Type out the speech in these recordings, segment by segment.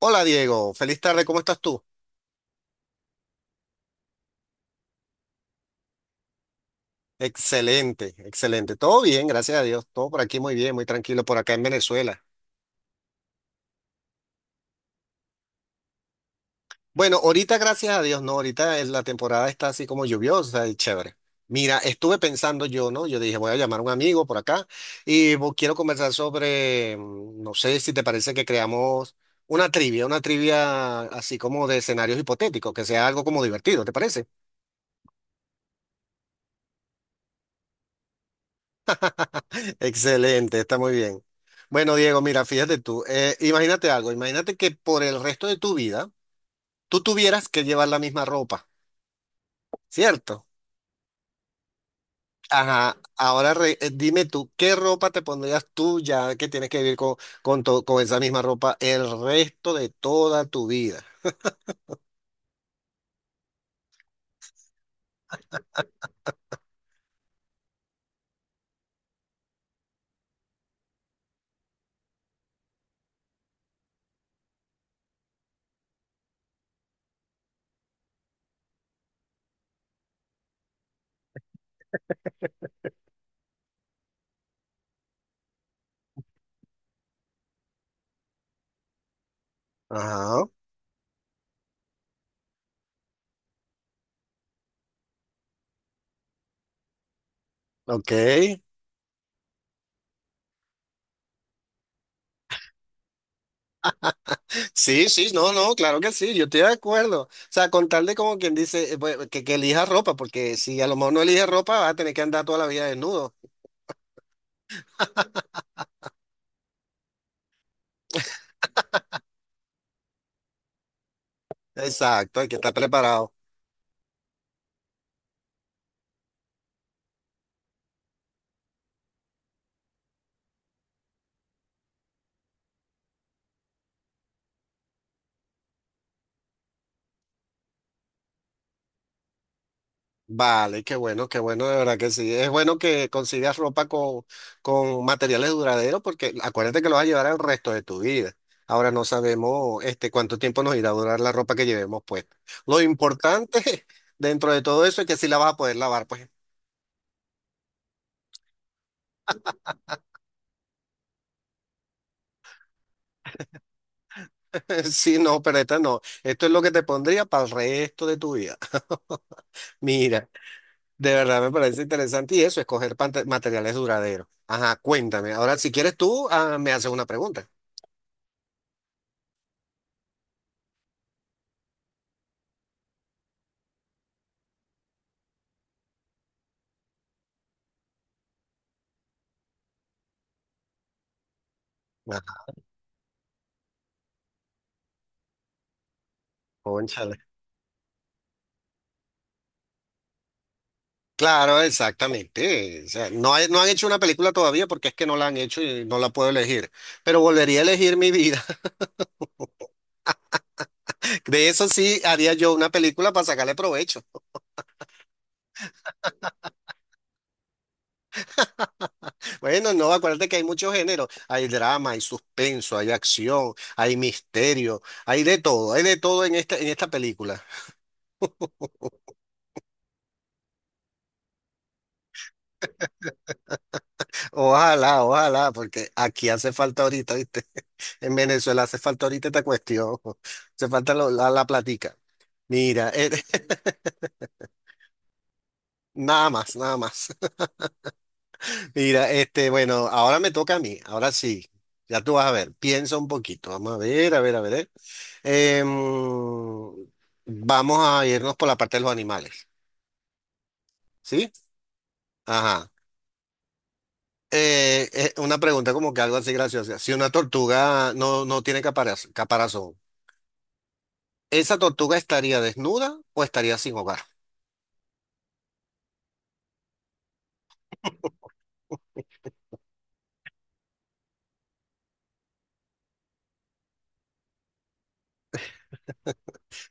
Hola Diego, feliz tarde, ¿cómo estás tú? Excelente, excelente. Todo bien, gracias a Dios. Todo por aquí muy bien, muy tranquilo, por acá en Venezuela. Bueno, ahorita gracias a Dios, no, ahorita en la temporada está así como lluviosa y chévere. Mira, estuve pensando yo, ¿no? Yo dije, voy a llamar a un amigo por acá y quiero conversar sobre, no sé si te parece que creamos una trivia así como de escenarios hipotéticos, que sea algo como divertido, ¿te parece? Excelente, está muy bien. Bueno, Diego, mira, fíjate tú, imagínate algo, imagínate que por el resto de tu vida tú tuvieras que llevar la misma ropa, ¿cierto? Ajá, ahora dime tú, ¿qué ropa te pondrías tú ya que tienes que vivir con, con esa misma ropa el resto de toda tu vida? Ajá, ok. Sí, sí, no, no, claro que sí, yo estoy de acuerdo. O sea, con tal de como quien dice, pues, que elija ropa, porque si a lo mejor no elige ropa, vas a tener que andar toda la vida desnudo. Exacto, hay que estar preparado. Vale, qué bueno, de verdad que sí. Es bueno que consigas ropa con materiales duraderos porque acuérdate que lo vas a llevar el resto de tu vida. Ahora no sabemos este, cuánto tiempo nos irá a durar la ropa que llevemos puesta. Lo importante dentro de todo eso es que sí la vas a poder lavar, pues. Sí, no, pero esta no. Esto es lo que te pondría para el resto de tu vida. Mira. De verdad me parece interesante y eso, escoger materiales duraderos. Ajá, cuéntame. Ahora, si quieres tú, ah, me haces una pregunta. Ah, cónchale. Claro, exactamente. O sea, no, no han hecho una película todavía porque es que no la han hecho y no la puedo elegir. Pero volvería a elegir mi vida. De eso sí haría yo una película para sacarle provecho. Bueno, no, acuérdate que hay muchos géneros. Hay drama, hay suspenso, hay acción, hay misterio, hay de todo en esta película. Ojalá, ojalá, porque aquí hace falta ahorita, ¿viste? En Venezuela hace falta ahorita esta cuestión. Hace falta la platica. Mira, nada más, nada más. Mira, este, bueno, ahora me toca a mí, ahora sí. Ya tú vas a ver, piensa un poquito. Vamos a ver, a ver, a ver. Em, vamos a irnos por la parte de los animales, ¿sí? Ajá. Una pregunta como que algo así graciosa. Si una tortuga no tiene caparazón, ¿esa tortuga estaría desnuda o estaría sin hogar?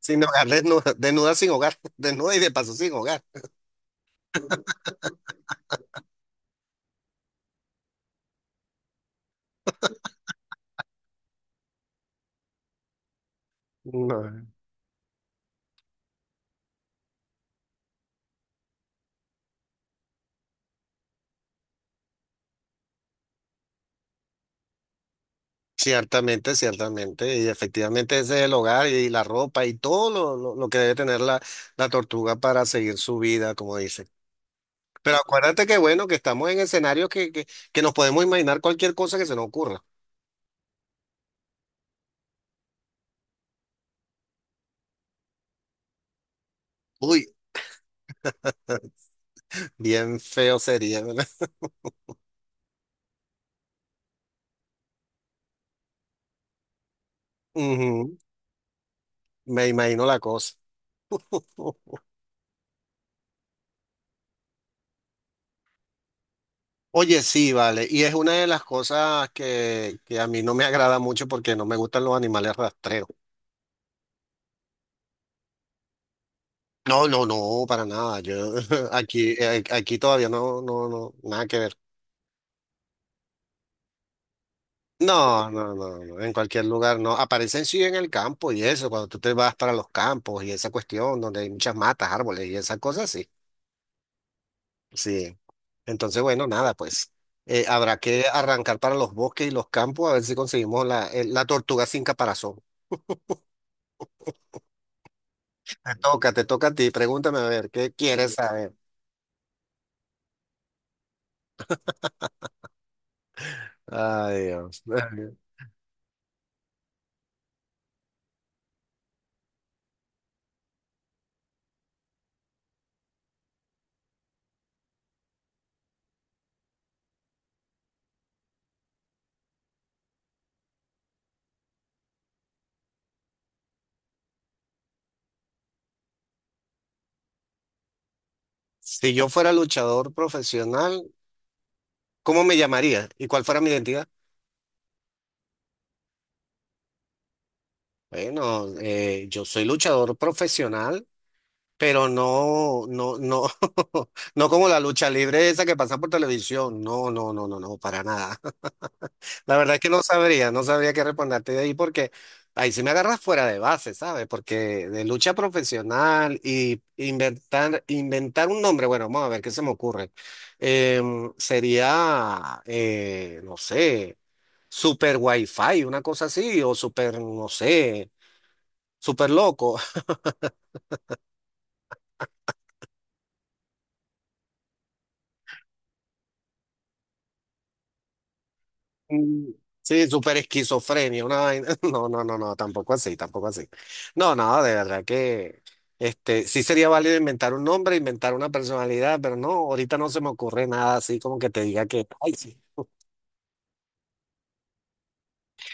Sin hogar, desnuda, desnuda sin hogar, desnuda y de paso sin hogar. No. Ciertamente, ciertamente, y efectivamente ese es el hogar y la ropa y todo lo que debe tener la, la tortuga para seguir su vida, como dice. Pero acuérdate que bueno, que estamos en escenarios que nos podemos imaginar cualquier cosa que se nos ocurra. Uy, bien feo sería, ¿verdad? Ujú, me imagino la cosa. Oye, sí, vale. Y es una de las cosas que a mí no me agrada mucho porque no me gustan los animales rastreros. No, no, no, para nada. Yo aquí, aquí todavía no, no, no, nada que ver. No, no, no, no, en cualquier lugar no. Aparecen sí en el campo y eso, cuando tú te vas para los campos y esa cuestión donde hay muchas matas, árboles y esas cosas, sí. Sí. Entonces, bueno, nada, pues habrá que arrancar para los bosques y los campos a ver si conseguimos la, la tortuga sin caparazón. Toca, te toca a ti. Pregúntame a ver, ¿qué quieres saber? Ay, Dios. Si yo fuera luchador profesional, ¿cómo me llamaría? ¿Y cuál fuera mi identidad? Bueno, yo soy luchador profesional, pero no, no, no, no como la lucha libre esa que pasa por televisión. No, no, no, no, no, para nada. La verdad es que no sabría, no sabría qué responderte de ahí porque ahí sí me agarras fuera de base, ¿sabes? Porque de lucha profesional y inventar, inventar un nombre, bueno, vamos a ver qué se me ocurre. Sería, no sé, Super Wi-Fi, una cosa así, o Super, no sé, Super Loco. Mm, Sí, súper esquizofrenia, una vaina. No, no, no, no, tampoco así, tampoco así. No, no, de verdad que este, sí sería válido inventar un nombre, inventar una personalidad, pero no, ahorita no se me ocurre nada así como que te diga que, ay, sí.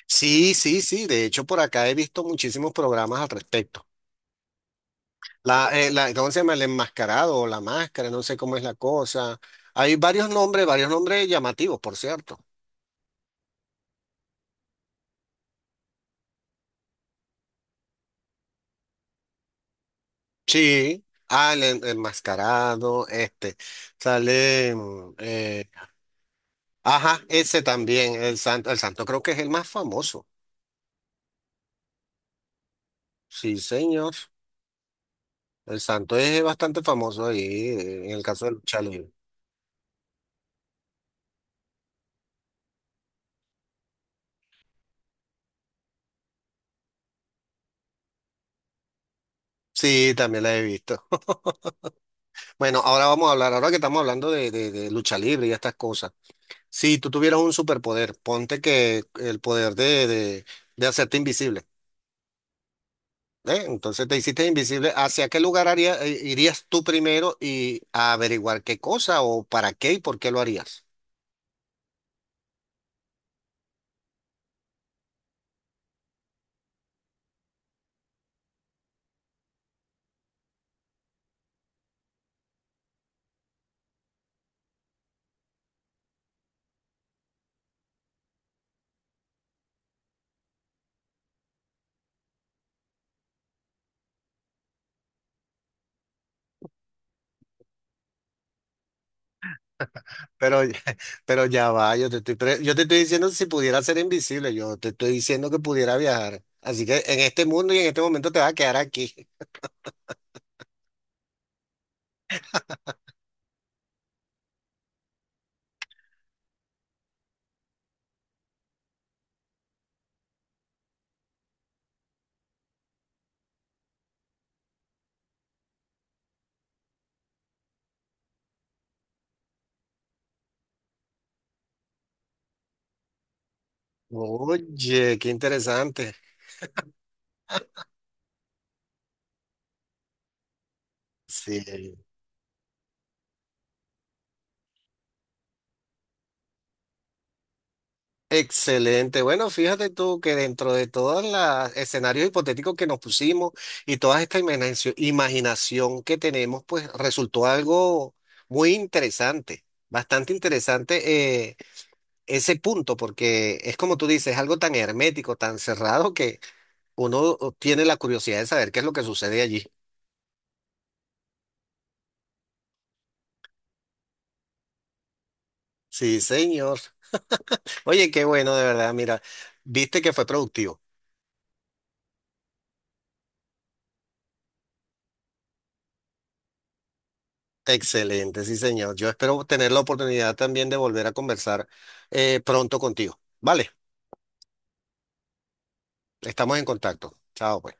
Sí, sí, sí, de hecho por acá he visto muchísimos programas al respecto. La, ¿cómo se llama? El enmascarado o la máscara, no sé cómo es la cosa. Hay varios nombres llamativos, por cierto. Sí, ah, el enmascarado, este, sale, ajá, ese también, el santo creo que es el más famoso, sí, señor, el santo es bastante famoso ahí, en el caso de lucha libre, sí, también la he visto, bueno, ahora vamos a hablar, ahora que estamos hablando de, de lucha libre y estas cosas, si tú tuvieras un superpoder, ponte que el poder de, de hacerte invisible. ¿Eh? Entonces te hiciste invisible. ¿Hacia qué lugar irías tú primero y a averiguar qué cosa o para qué y por qué lo harías? Pero, pero ya va, yo te estoy, yo te estoy diciendo si pudiera ser invisible, yo te estoy diciendo que pudiera viajar. Así que en este mundo y en este momento te vas a quedar aquí. Oye, qué interesante. Sí. Excelente. Bueno, fíjate tú que dentro de todos los escenarios hipotéticos que nos pusimos y toda esta imaginación, imaginación que tenemos, pues resultó algo muy interesante, bastante interesante ese punto, porque es como tú dices, algo tan hermético, tan cerrado que uno tiene la curiosidad de saber qué es lo que sucede allí. Sí, señor. Oye, qué bueno, de verdad, mira, viste que fue productivo. Excelente, sí, señor. Yo espero tener la oportunidad también de volver a conversar pronto contigo. Vale, estamos en contacto. Chao. Pues.